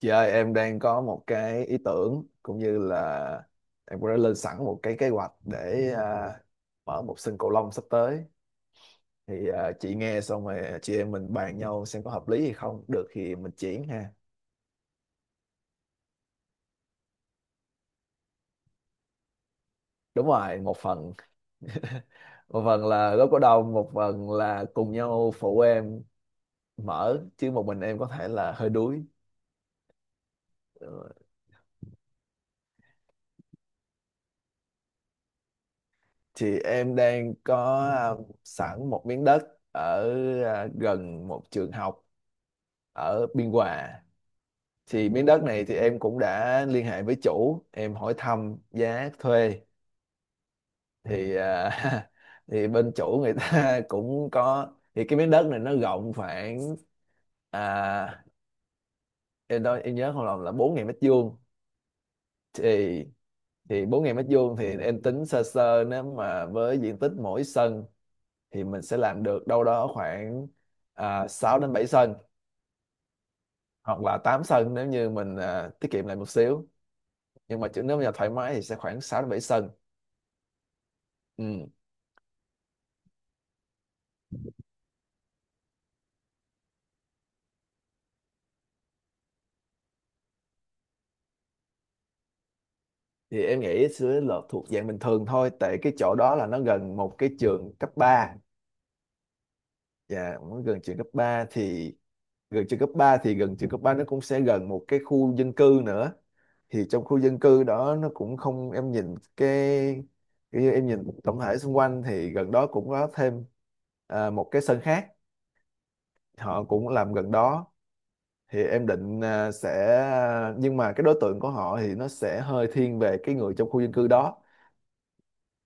Chị ơi, em đang có một cái ý tưởng cũng như là em cũng đã lên sẵn một cái kế hoạch để mở một sân cầu lông sắp tới. Thì chị nghe xong rồi chị em mình bàn nhau xem có hợp lý hay không. Được thì mình chuyển ha. Đúng rồi, một phần. Một phần là góp cổ đông, một phần là cùng nhau phụ em mở chứ một mình em có thể là hơi đuối. Ờ. Thì em đang có sẵn một miếng đất ở gần một trường học ở Biên Hòa. Thì miếng đất này thì em cũng đã liên hệ với chủ em hỏi thăm giá thuê, thì thì bên chủ người ta cũng có, thì cái miếng đất này nó rộng khoảng à, em đó em nhớ không lầm là 4.000 mét vuông. Thì 4.000 mét vuông thì em tính sơ sơ, nếu mà với diện tích mỗi sân thì mình sẽ làm được đâu đó khoảng 6 đến 7 sân, hoặc là 8 sân nếu như mình tiết kiệm lại một xíu. Nhưng mà chứ nếu mà thoải mái thì sẽ khoảng 6 đến 7 sân. Ừ. Thì em nghĩ sẽ là thuộc dạng bình thường thôi, tại cái chỗ đó là nó gần một cái trường cấp ba, và nó gần trường cấp 3 thì gần trường cấp 3 nó cũng sẽ gần một cái khu dân cư nữa. Thì trong khu dân cư đó nó cũng không, em nhìn cái, kiểu như em nhìn tổng thể xung quanh thì gần đó cũng có thêm một cái sân khác, họ cũng làm gần đó. Thì em định sẽ, nhưng mà cái đối tượng của họ thì nó sẽ hơi thiên về cái người trong khu dân cư đó,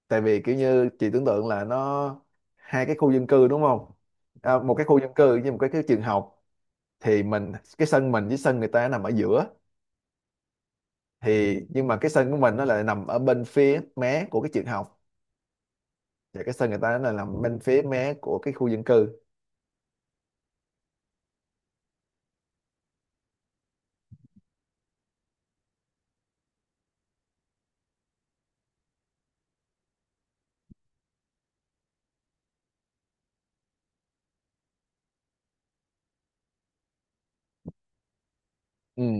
tại vì kiểu như chị tưởng tượng là nó hai cái khu dân cư đúng không, một cái khu dân cư với một cái trường học, thì mình cái sân mình với sân người ta nằm ở giữa. Thì nhưng mà cái sân của mình nó lại nằm ở bên phía mé của cái trường học, và cái sân người ta nó là nằm bên phía mé của cái khu dân cư. Ừ,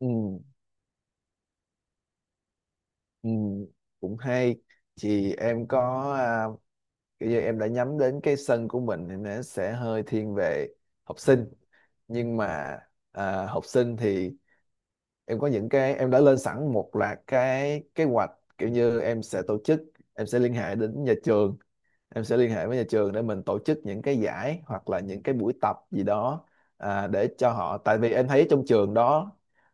ừ, ừ, cũng hay. Thì em có kiểu như em đã nhắm đến cái sân của mình thì nó sẽ hơi thiên về học sinh. Nhưng mà học sinh thì em có những cái, em đã lên sẵn một loạt cái kế hoạch, kiểu như em sẽ tổ chức, em sẽ liên hệ đến nhà trường, em sẽ liên hệ với nhà trường để mình tổ chức những cái giải hoặc là những cái buổi tập gì đó để cho họ. Tại vì em thấy trong trường đó,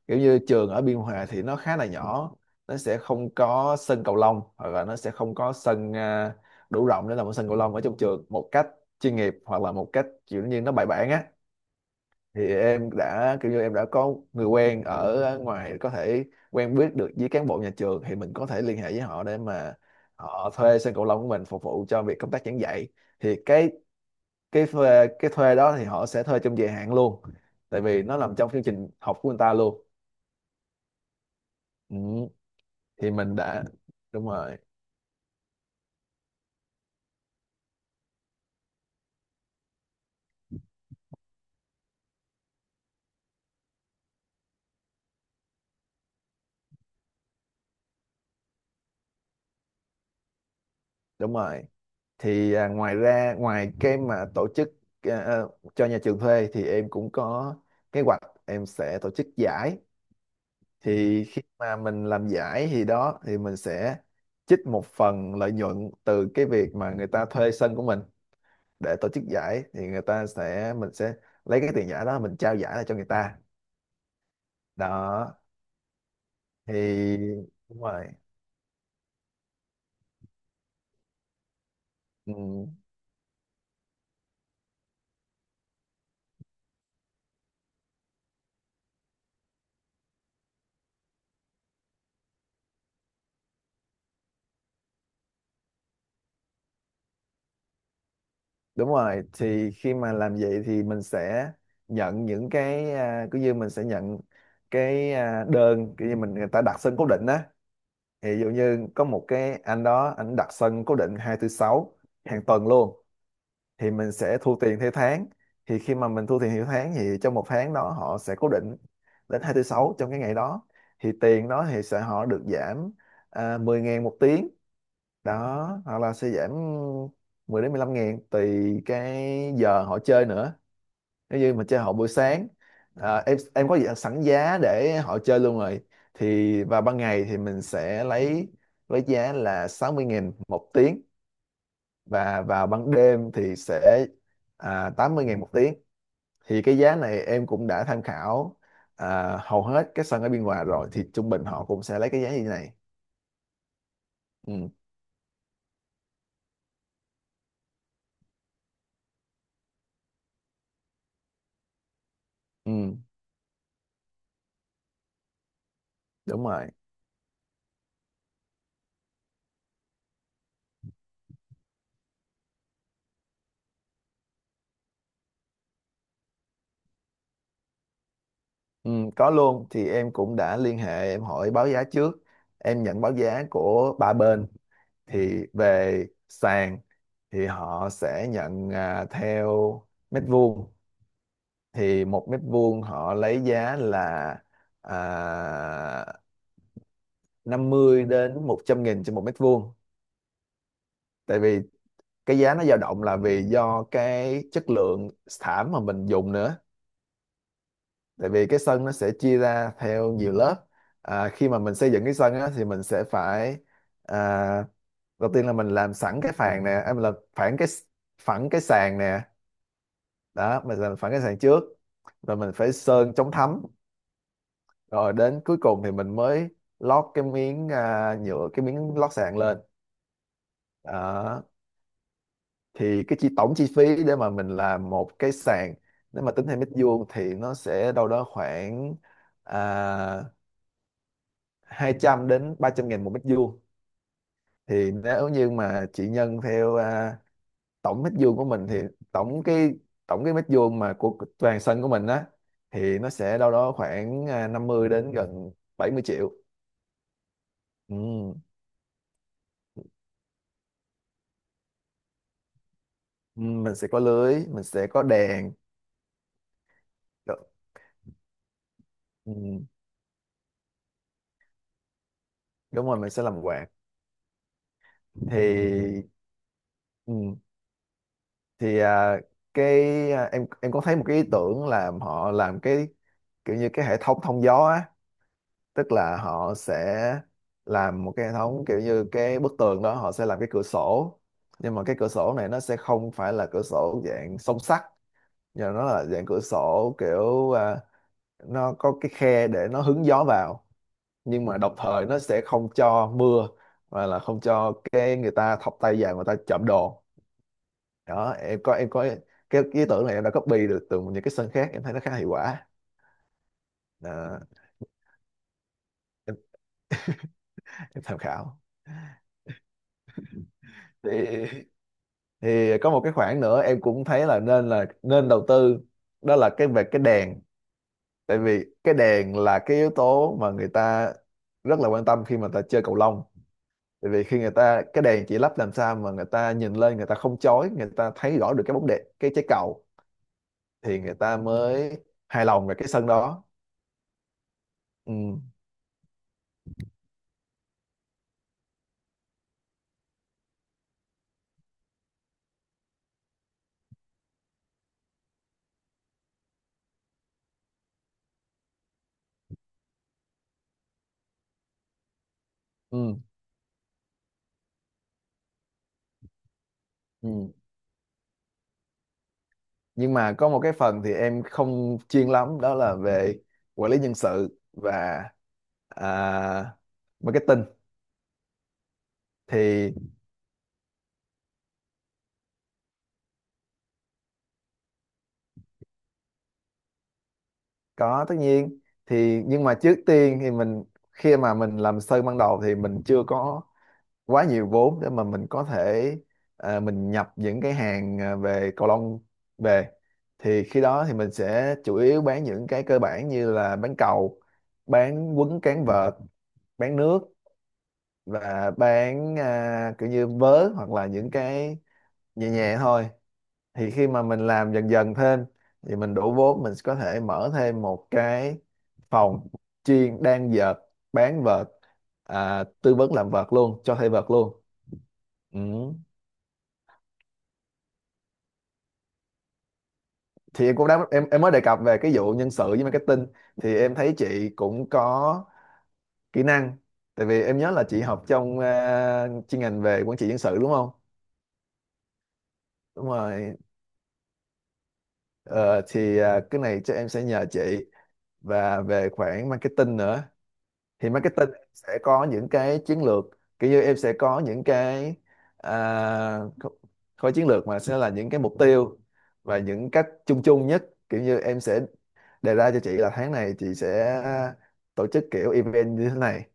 kiểu như trường ở Biên Hòa thì nó khá là nhỏ, nó sẽ không có sân cầu lông, hoặc là nó sẽ không có sân đủ rộng để làm một sân cầu lông ở trong trường một cách chuyên nghiệp, hoặc là một cách kiểu như nó bài bản á. Thì em đã, kiểu như em đã có người quen ở ngoài có thể quen biết được với cán bộ nhà trường, thì mình có thể liên hệ với họ để mà họ thuê sân cầu lông của mình phục vụ cho việc công tác giảng dạy. Thì cái cái thuê đó thì họ sẽ thuê trong dài hạn luôn, tại vì nó nằm trong chương trình học của người ta luôn. Ừ. Thì mình đã, đúng rồi, đúng rồi. Thì ngoài ra, ngoài cái mà tổ chức à, à, cho nhà trường thuê thì em cũng có kế hoạch em sẽ tổ chức giải. Thì khi mà mình làm giải thì đó thì mình sẽ trích một phần lợi nhuận từ cái việc mà người ta thuê sân của mình để tổ chức giải, thì người ta sẽ, mình sẽ lấy cái tiền giải đó mình trao giải lại cho người ta. Đó. Thì đúng rồi, ừ, đúng rồi. Thì khi mà làm vậy thì mình sẽ nhận những cái cứ như mình sẽ nhận cái đơn cứ như mình, người ta đặt sân cố định á. Thì ví dụ như có một cái anh đó anh đặt sân cố định hai thứ sáu hàng tuần luôn, thì mình sẽ thu tiền theo tháng. Thì khi mà mình thu tiền theo tháng thì trong một tháng đó họ sẽ cố định đến hai tư sáu trong cái ngày đó, thì tiền đó thì sẽ họ được giảm 10 ngàn một tiếng, đó, hoặc là sẽ giảm 10 đến 15 ngàn tùy cái giờ họ chơi nữa. Nếu như mà chơi họ buổi sáng em có sẵn giá để họ chơi luôn rồi. Thì vào ban ngày thì mình sẽ lấy với giá là 60 ngàn một tiếng, và vào ban đêm thì sẽ 80 ngàn một tiếng. Thì cái giá này em cũng đã tham khảo hầu hết các sân ở Biên Hòa rồi, thì trung bình họ cũng sẽ lấy cái giá như thế này. Ừ, ừ, đúng rồi. Ừ, có luôn. Thì em cũng đã liên hệ em hỏi báo giá trước, em nhận báo giá của ba bên. Thì về sàn thì họ sẽ nhận theo mét vuông. Thì một mét vuông họ lấy giá là à, 50 đến 100 nghìn trên một mét vuông, tại vì cái giá nó dao động là vì do cái chất lượng thảm mà mình dùng nữa. Tại vì cái sân nó sẽ chia ra theo nhiều lớp. Khi mà mình xây dựng cái sân á, thì mình sẽ phải à, đầu tiên là mình làm sẵn cái phản nè, em là phản cái phẳng cái sàn nè, đó mình làm phẳng cái sàn trước, rồi mình phải sơn chống thấm, rồi đến cuối cùng thì mình mới lót cái miếng nhựa, cái miếng lót sàn lên. Đó. Thì cái chi, tổng chi phí để mà mình làm một cái sàn nếu mà tính theo mét vuông thì nó sẽ đâu đó khoảng à, 200 đến 300 ngàn một mét vuông. Thì nếu như mà chị nhân theo tổng mét vuông của mình thì tổng cái tổng cái mét vuông mà của toàn sân của mình á, thì nó sẽ đâu đó khoảng 50 đến gần 70 triệu. Ừ. Ừ, mình sẽ có lưới, mình sẽ có đèn. Đ- ừ. Đúng rồi, mình sẽ làm quạt. Thì. Ừ. Thì cái em có thấy một cái ý tưởng là họ làm cái kiểu như cái hệ thống thông gió á. Tức là họ sẽ làm một cái hệ thống kiểu như cái bức tường đó họ sẽ làm cái cửa sổ, nhưng mà cái cửa sổ này nó sẽ không phải là cửa sổ dạng song sắt, nhưng mà nó là dạng cửa sổ kiểu nó có cái khe để nó hứng gió vào, nhưng mà đồng thời nó sẽ không cho mưa, và là không cho cái người ta thọc tay vào người ta trộm đồ. Đó. Em có cái ý tưởng này em đã copy được từ những cái sân khác em thấy nó khá hiệu quả. Đó, em, em tham khảo. thì, thì có một cái khoản nữa em cũng thấy là nên đầu tư, đó là cái về cái đèn. Tại vì cái đèn là cái yếu tố mà người ta rất là quan tâm khi mà người ta chơi cầu lông. Tại vì khi người ta, cái đèn chỉ lắp làm sao mà người ta nhìn lên người ta không chói, người ta thấy rõ được cái bóng đệm cái trái cầu, thì người ta mới hài lòng về cái sân đó. Ừ, ừ, ừ. Nhưng mà có một cái phần thì em không chuyên lắm, đó là về quản lý nhân sự và à, marketing. Thì có tất nhiên. Thì nhưng mà trước tiên thì mình, khi mà mình làm sơ ban đầu thì mình chưa có quá nhiều vốn để mà mình có thể mình nhập những cái hàng về cầu lông về. Thì khi đó thì mình sẽ chủ yếu bán những cái cơ bản như là bán cầu, bán quấn cán vợt, bán nước, và bán kiểu như vớ hoặc là những cái nhẹ nhẹ thôi. Thì khi mà mình làm dần dần thêm thì mình đủ vốn mình có thể mở thêm một cái phòng chuyên đan vợt, bán vợt, tư vấn làm vợt luôn, cho thuê vợt luôn. Ừ. Thì em cũng đã em mới đề cập về cái vụ nhân sự với marketing. Thì em thấy chị cũng có kỹ năng, tại vì em nhớ là chị học trong chuyên ngành về quản trị nhân sự đúng không. Đúng rồi. Ờ, thì cái này chắc em sẽ nhờ chị, và về khoản marketing nữa. Thì marketing sẽ có những cái chiến lược, kiểu như em sẽ có những cái à, kho- khối chiến lược mà sẽ là những cái mục tiêu và những cách chung chung nhất, kiểu như em sẽ đề ra cho chị là tháng này chị sẽ tổ chức kiểu event như thế này.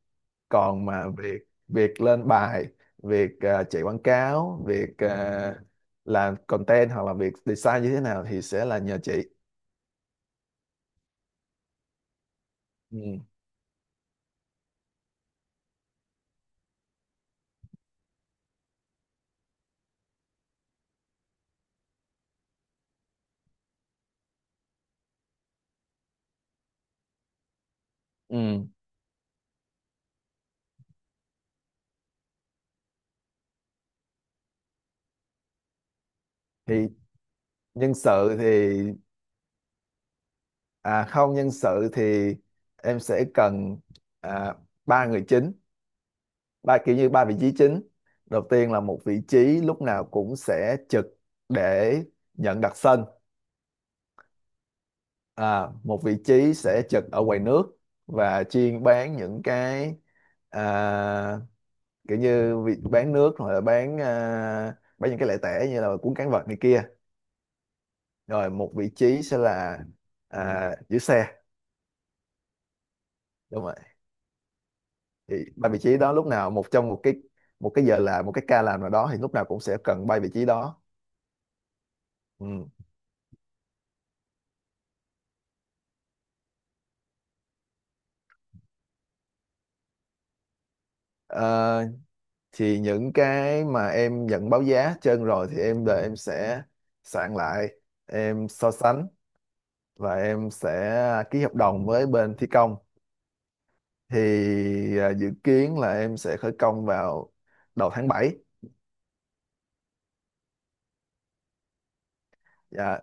Còn mà việc việc lên bài, việc chạy quảng cáo, việc làm content, hoặc là việc design như thế nào, thì sẽ là nhờ chị. Ừ. Ừ. Thì nhân sự thì, à, không, nhân sự thì em sẽ cần à, ba người chính, ba, kiểu như ba vị trí chính. Đầu tiên là một vị trí lúc nào cũng sẽ trực để nhận đặt sân. À, một vị trí sẽ trực ở quầy nước và chuyên bán những cái à, bán nước, hoặc là bán bán những cái lẻ tẻ như là cuốn cán vật này kia. Rồi một vị trí sẽ là giữ xe. Đúng. Thì ba vị trí đó lúc nào, một trong một cái, giờ làm một cái ca làm nào đó, thì lúc nào cũng sẽ cần ba vị trí đó. Ừ. Ờ, thì những cái mà em nhận báo giá trên rồi thì em là em sẽ soạn lại, em so sánh và em sẽ ký hợp đồng với bên thi công. Thì dự kiến là em sẽ khởi công vào đầu tháng 7. Dạ,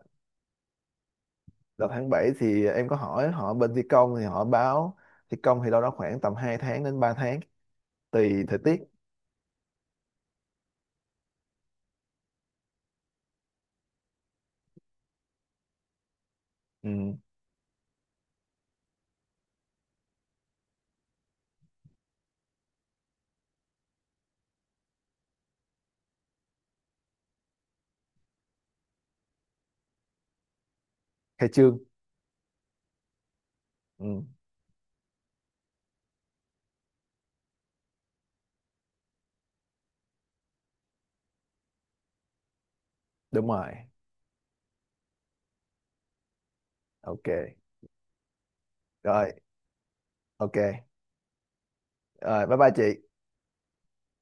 đầu tháng 7 thì em có hỏi họ bên thi công thì họ báo thi công thì đâu đó khoảng tầm 2 tháng đến 3 tháng tùy thời tiết. Ừ. Khai trương. Ừ, đúng rồi. Ok rồi. Ok rồi, bye bye chị.